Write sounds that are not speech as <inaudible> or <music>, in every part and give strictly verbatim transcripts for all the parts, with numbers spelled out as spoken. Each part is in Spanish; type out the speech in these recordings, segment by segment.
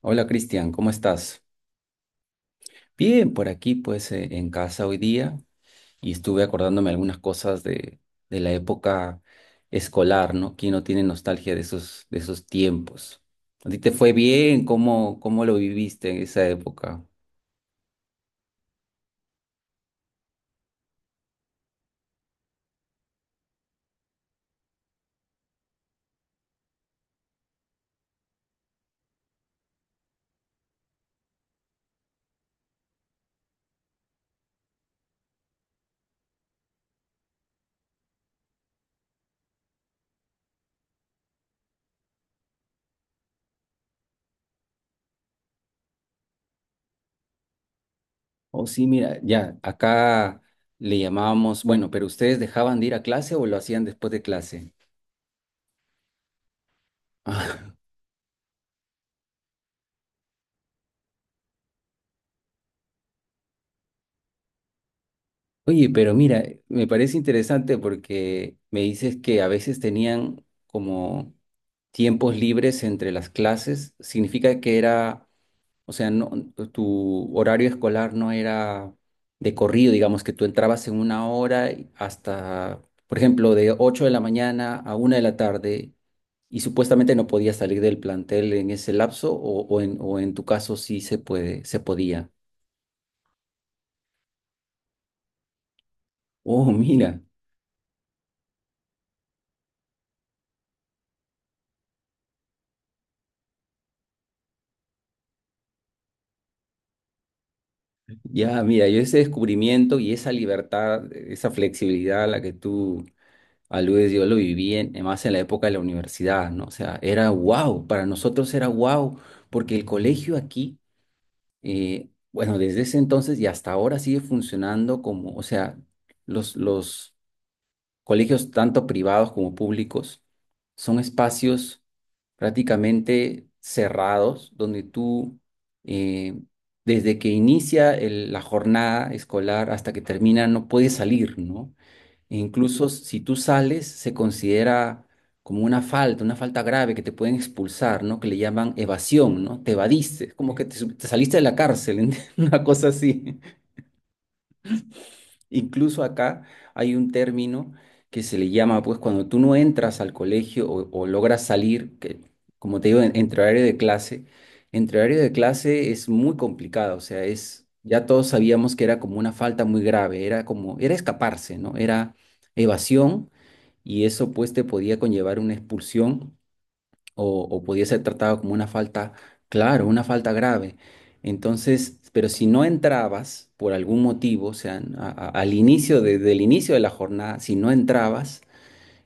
Hola Cristian, ¿cómo estás? Bien, por aquí pues eh, en casa hoy día y estuve acordándome algunas cosas de, de la época escolar, ¿no? ¿Quién no tiene nostalgia de esos, de esos tiempos? ¿A ti te fue bien? ¿Cómo, cómo lo viviste en esa época? Oh, sí, mira, ya, acá le llamábamos, bueno, pero ¿ustedes dejaban de ir a clase o lo hacían después de clase? Ah. Oye, pero mira, me parece interesante porque me dices que a veces tenían como tiempos libres entre las clases, significa que era, o sea, no, tu horario escolar no era de corrido, digamos que tú entrabas en una hora y hasta, por ejemplo, de ocho de la mañana a una de la tarde y supuestamente no podías salir del plantel en ese lapso o, o en, o en tu caso sí se puede, se podía. Oh, mira, ya, mira, yo ese descubrimiento y esa libertad, esa flexibilidad a la que tú algo que yo lo viví en, más en la época de la universidad, ¿no? O sea, era wow, para nosotros era wow, porque el colegio aquí, eh, bueno, desde ese entonces y hasta ahora sigue funcionando como, o sea, los, los colegios tanto privados como públicos son espacios prácticamente cerrados, donde tú, eh, desde que inicia el- la jornada escolar hasta que termina, no puedes salir, ¿no? Incluso si tú sales, se considera como una falta, una falta grave que te pueden expulsar, ¿no? Que le llaman evasión, ¿no? Te evadiste, es como que te, su- te saliste de la cárcel, ¿ent- <laughs> una cosa así. Incluso acá hay un término que se le llama, pues, cuando tú no entras al colegio o, o logras salir, que como te digo, en- entre horario de clase, entre horario de clase es muy complicado, o sea, es, ya todos sabíamos que era como una falta muy grave, era como, era escaparse, ¿no? Era evasión y eso pues te podía conllevar una expulsión o, o podía ser tratado como una falta, claro, una falta grave. Entonces, pero si no entrabas por algún motivo, o sea, a- a- al inicio, desde el inicio de la jornada, si no entrabas,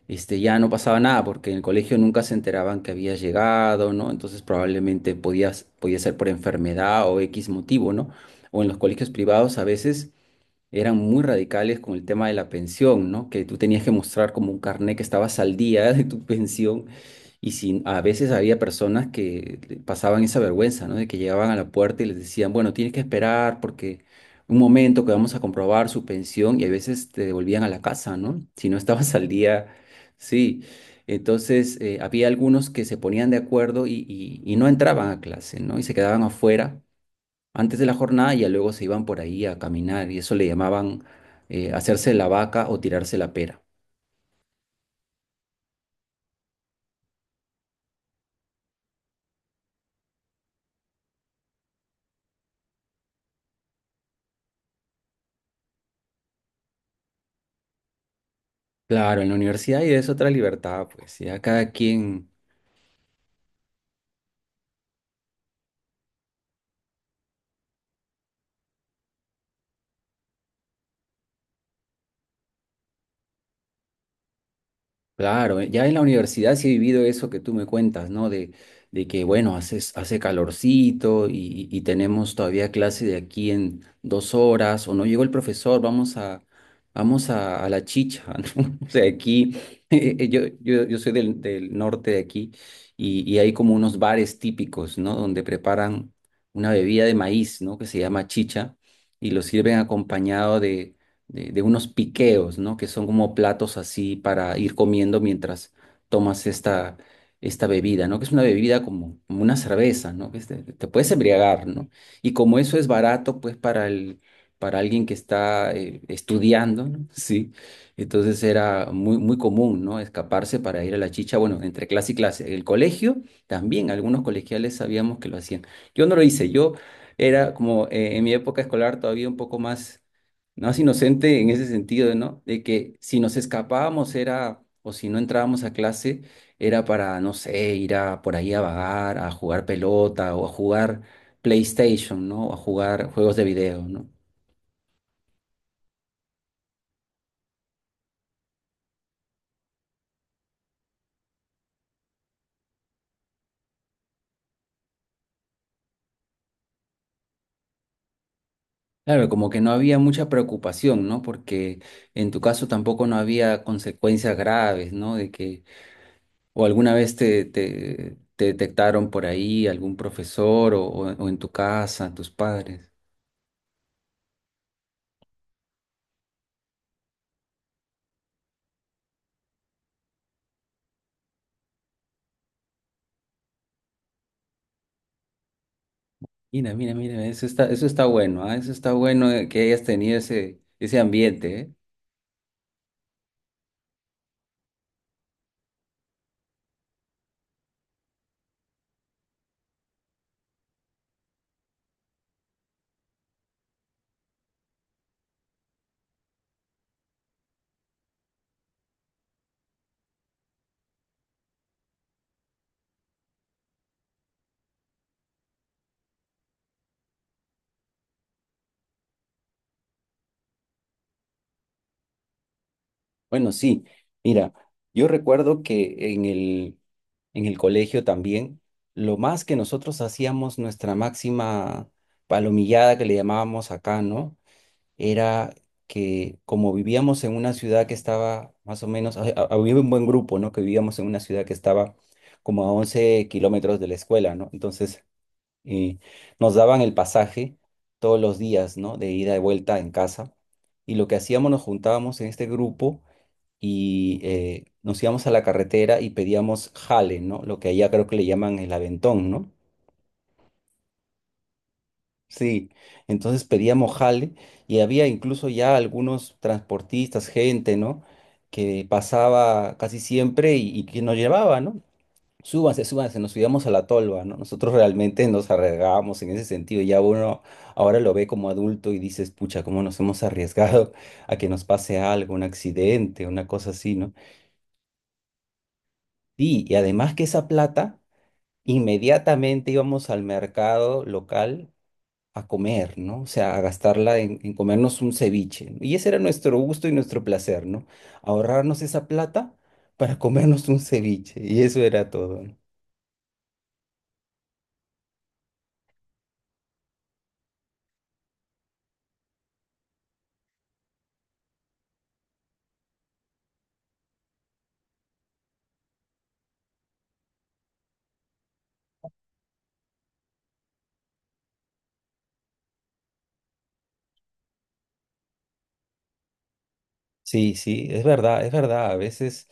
este, ya no pasaba nada, porque en el colegio nunca se enteraban que habías llegado, ¿no? Entonces probablemente podías, podía ser por enfermedad o X motivo, ¿no? O en los colegios privados a veces eran muy radicales con el tema de la pensión, ¿no? Que tú tenías que mostrar como un carnet que estabas al día <laughs> de tu pensión y sin, a veces había personas que le pasaban esa vergüenza, ¿no? De que llegaban a la puerta y les decían, bueno, tienes que esperar porque un momento que vamos a comprobar su pensión y a veces te devolvían a la casa, ¿no? Si no estabas al día, sí. Entonces, eh, había algunos que se ponían de acuerdo y, y y no entraban a clase, ¿no? Y se quedaban afuera antes de la jornada ya luego se iban por ahí a caminar y eso le llamaban eh, hacerse la vaca o tirarse la pera. Claro, en la universidad y es otra libertad, pues ya cada quien. Claro, eh, ya en la universidad sí he vivido eso que tú me cuentas, ¿no? De, de que, bueno, hace hace calorcito y, y- y tenemos todavía clase de aquí en dos horas, o no llegó el profesor, vamos a, vamos a, a la chicha, <laughs> ¿no? O sea, aquí, <laughs> eh, yo, yo, yo soy del, del norte de aquí y, y hay como unos bares típicos, ¿no? Donde preparan una bebida de maíz, ¿no? Que se llama chicha y lo sirven acompañado de, de unos piqueos, ¿no? Que son como platos así para ir comiendo mientras tomas esta, esta bebida, ¿no? Que es una bebida como, como una cerveza, ¿no? Que es de- te puedes embriagar, ¿no? Y como eso es barato, pues para el, para alguien que está eh, estudiando, ¿no? <laughs> Sí. Entonces era muy, muy común, ¿no? Escaparse para ir a la chicha, bueno, entre clase y clase. El colegio también, algunos colegiales sabíamos que lo hacían. Yo no lo hice, yo era como eh, en mi época escolar todavía un poco más no es inocente en ese sentido, ¿no? De que si nos escapábamos era, o si no entrábamos a clase, era para, no sé, ir a por ahí a vagar, a jugar pelota o a jugar PlayStation, ¿no? O a jugar juegos de video, ¿no? Claro, como que no había mucha preocupación, ¿no? Porque en tu caso tampoco no había consecuencias graves, ¿no? De que, o alguna vez te, te, te detectaron por ahí algún profesor o, o o en tu casa, tus padres. Mira, mira, mira, eso está, eso está bueno, ah, eso está bueno, eh, que hayas tenido ese, ese ambiente, ¿eh? Bueno, sí, mira, yo recuerdo que en el, en el colegio también, lo más que nosotros hacíamos, nuestra máxima palomillada que le llamábamos acá, ¿no? Era que como vivíamos en una ciudad que estaba más o menos, ha- ha- había un buen grupo, ¿no? Que vivíamos en una ciudad que estaba como a once kilómetros de la escuela, ¿no? Entonces. Y nos daban el pasaje todos los días, ¿no? De ida y vuelta en casa. Y lo que hacíamos, nos juntábamos en este grupo y eh, nos íbamos a la carretera y pedíamos jale, ¿no? Lo que allá creo que le llaman el aventón, ¿no? Sí, entonces pedíamos jale y había incluso ya algunos transportistas, gente, ¿no? Que pasaba casi siempre y, y que nos llevaba, ¿no? Súbanse, súbanse, nos subíamos a la tolva, ¿no? Nosotros realmente nos arriesgábamos en ese sentido. Ya uno ahora lo ve como adulto y dices, pucha, cómo nos hemos arriesgado a que nos pase algo, un accidente, una cosa así, ¿no? Sí, y además que esa plata, inmediatamente íbamos al mercado local a comer, ¿no? O sea, a gastarla en, en comernos un ceviche, ¿no? Y ese era nuestro gusto y nuestro placer, ¿no? Ahorrarnos esa plata para comernos un ceviche. Y eso era todo, ¿no? Sí, sí, es verdad, es verdad. A veces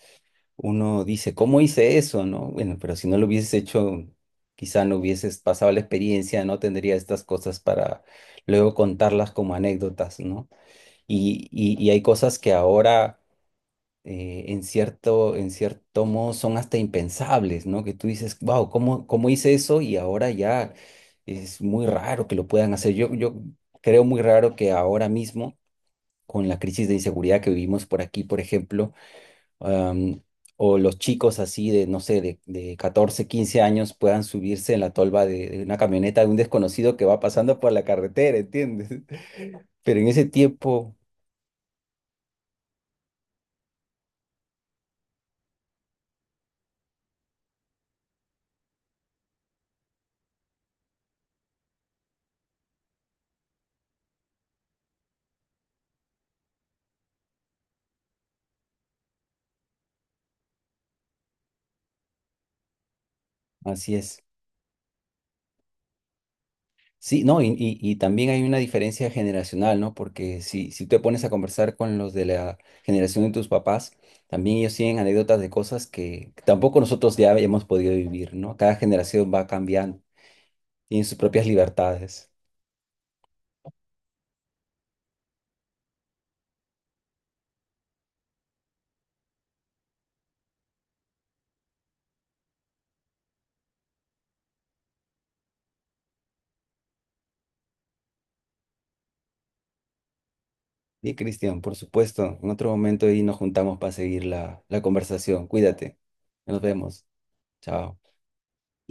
uno dice, ¿cómo hice eso? ¿No? Bueno, pero si no lo hubieses hecho, quizá no hubieses pasado la experiencia, no tendría estas cosas para luego contarlas como anécdotas, ¿no? Y, y, y hay cosas que ahora, eh, en cierto, en cierto modo, son hasta impensables, ¿no? Que tú dices, wow, ¿cómo, cómo hice eso? Y ahora ya es muy raro que lo puedan hacer. Yo, yo creo muy raro que ahora mismo, con la crisis de inseguridad que vivimos por aquí, por ejemplo, am, o los chicos así de, no sé, de, de catorce, quince años puedan subirse en la tolva de, de una camioneta de un desconocido que va pasando por la carretera, ¿entiendes? <laughs> Pero en ese tiempo, así es. Sí, no, y, y- y también hay una diferencia generacional, ¿no? Porque si, si te pones a conversar con los de la generación de tus papás, también ellos tienen anécdotas de cosas que tampoco nosotros ya hemos podido vivir, ¿no? Cada generación va cambiando, tiene sus propias libertades. Y Cristian, por supuesto, en otro momento y nos juntamos para seguir la, la conversación. Cuídate. Nos vemos. Chao.